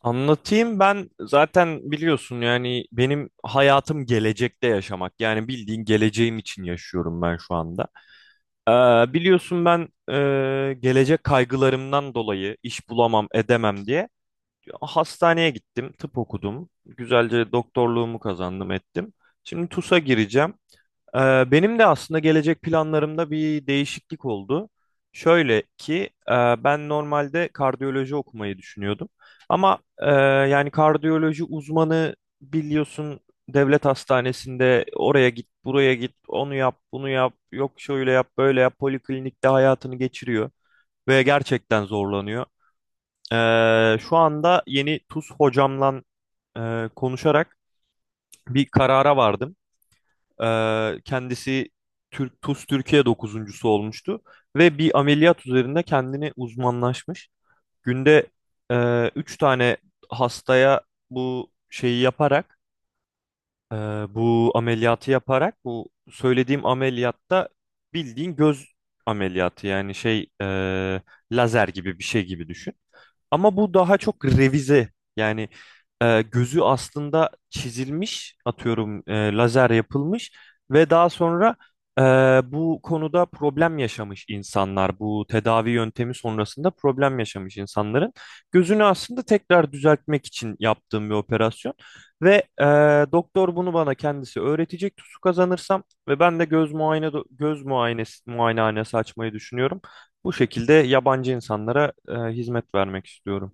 Anlatayım, ben zaten biliyorsun yani benim hayatım gelecekte yaşamak, yani bildiğin geleceğim için yaşıyorum ben şu anda. Biliyorsun ben gelecek kaygılarımdan dolayı iş bulamam edemem diye hastaneye gittim, tıp okudum, güzelce doktorluğumu kazandım ettim. Şimdi TUS'a gireceğim. Benim de aslında gelecek planlarımda bir değişiklik oldu. Şöyle ki, ben normalde kardiyoloji okumayı düşünüyordum. Ama yani kardiyoloji uzmanı biliyorsun, devlet hastanesinde oraya git buraya git, onu yap bunu yap, yok şöyle yap böyle yap, poliklinikte hayatını geçiriyor ve gerçekten zorlanıyor. Şu anda yeni TUS hocamla konuşarak bir karara vardım. Kendisi Türk, TUS Türkiye dokuzuncusu olmuştu ve bir ameliyat üzerinde kendini uzmanlaşmış. Günde üç tane hastaya bu şeyi yaparak, e, bu ameliyatı yaparak, bu söylediğim ameliyatta bildiğin göz ameliyatı, yani lazer gibi bir şey gibi düşün. Ama bu daha çok revize. Yani gözü aslında çizilmiş, atıyorum, lazer yapılmış ve daha sonra e, bu konuda problem yaşamış insanlar, bu tedavi yöntemi sonrasında problem yaşamış insanların gözünü aslında tekrar düzeltmek için yaptığım bir operasyon. Ve e, doktor bunu bana kendisi öğretecek. TUS'u kazanırsam ve ben de göz muayenehanesi açmayı düşünüyorum. Bu şekilde yabancı insanlara hizmet vermek istiyorum.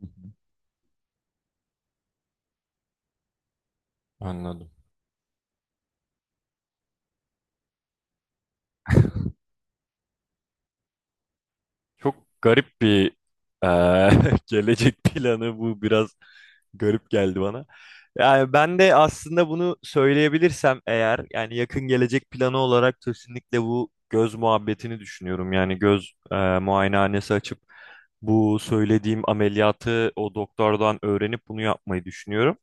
Hı hı. Anladım. Çok garip bir, e, gelecek planı bu, biraz garip geldi bana. Yani ben de aslında bunu söyleyebilirsem eğer, yani yakın gelecek planı olarak kesinlikle bu göz muhabbetini düşünüyorum. Yani göz muayenehanesi açıp bu söylediğim ameliyatı o doktordan öğrenip bunu yapmayı düşünüyorum.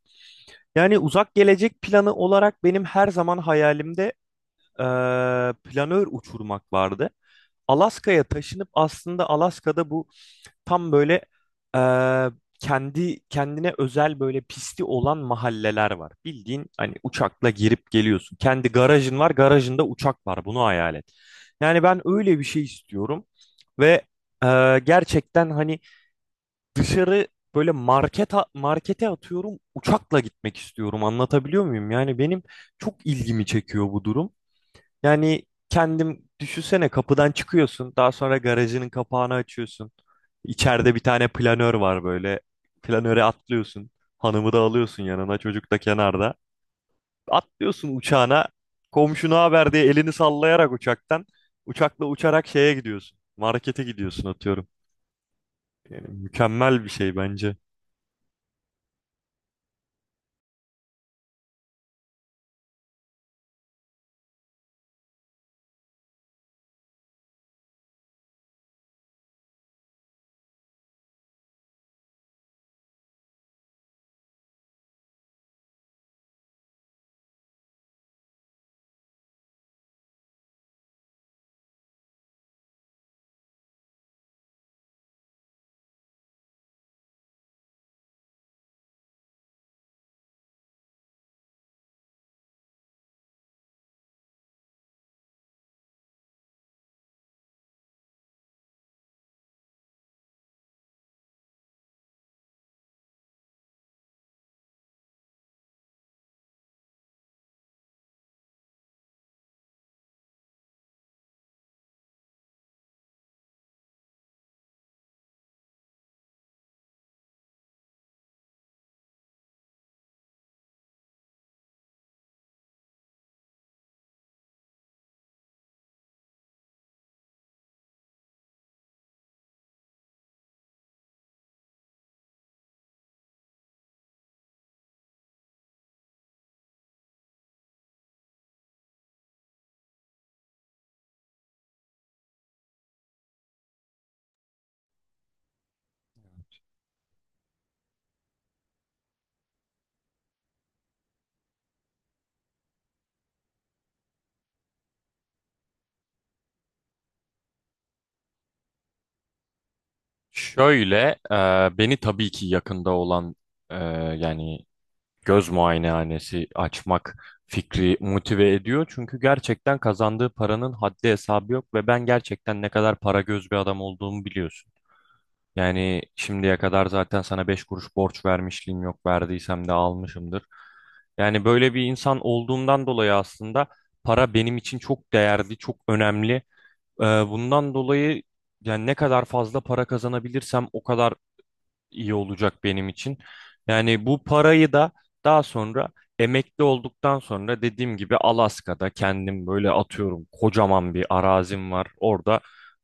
Yani uzak gelecek planı olarak benim her zaman hayalimde e, planör uçurmak vardı. Alaska'ya taşınıp, aslında Alaska'da bu tam böyle, e, kendi kendine özel böyle pisti olan mahalleler var. Bildiğin hani uçakla girip geliyorsun. Kendi garajın var, garajında uçak var. Bunu hayal et. Yani ben öyle bir şey istiyorum ve gerçekten hani dışarı böyle market markete atıyorum uçakla gitmek istiyorum. Anlatabiliyor muyum? Yani benim çok ilgimi çekiyor bu durum. Yani kendim düşünsene, kapıdan çıkıyorsun. Daha sonra garajının kapağını açıyorsun. İçeride bir tane planör var böyle. Planöre atlıyorsun. Hanımı da alıyorsun yanına. Çocuk da kenarda. Atlıyorsun uçağına. Komşuna haber diye elini sallayarak uçaktan. Uçakla uçarak şeye gidiyorsun. Markete gidiyorsun atıyorum. Yani mükemmel bir şey bence. Evet. Şöyle, beni tabii ki yakında olan, e, yani göz muayenehanesi açmak fikri motive ediyor. Çünkü gerçekten kazandığı paranın haddi hesabı yok ve ben gerçekten ne kadar para göz bir adam olduğumu biliyorsun. Yani şimdiye kadar zaten sana 5 kuruş borç vermişliğim yok. Verdiysem de almışımdır. Yani böyle bir insan olduğumdan dolayı aslında para benim için çok değerli, çok önemli. Bundan dolayı yani ne kadar fazla para kazanabilirsem o kadar iyi olacak benim için. Yani bu parayı da daha sonra emekli olduktan sonra dediğim gibi Alaska'da kendim böyle atıyorum kocaman bir arazim var. Orada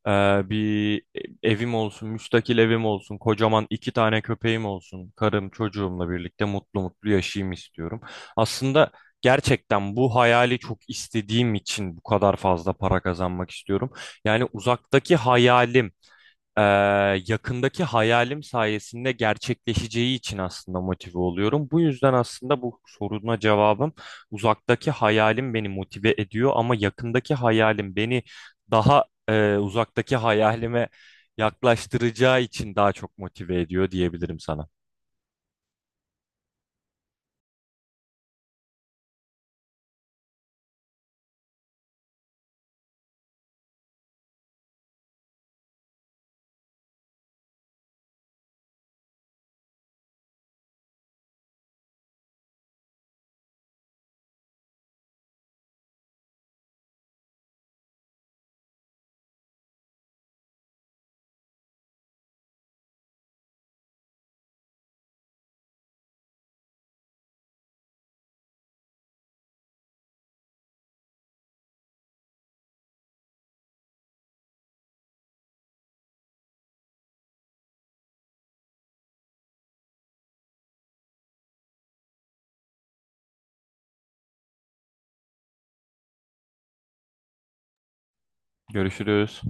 e, bir evim olsun, müstakil evim olsun, kocaman iki tane köpeğim olsun, karım çocuğumla birlikte mutlu mutlu yaşayayım istiyorum. Aslında gerçekten bu hayali çok istediğim için bu kadar fazla para kazanmak istiyorum. Yani e, yakındaki hayalim sayesinde gerçekleşeceği için aslında motive oluyorum. Bu yüzden aslında bu soruna cevabım, uzaktaki hayalim beni motive ediyor ama yakındaki hayalim beni daha, uzaktaki hayalime yaklaştıracağı için daha çok motive ediyor diyebilirim sana. Görüşürüz.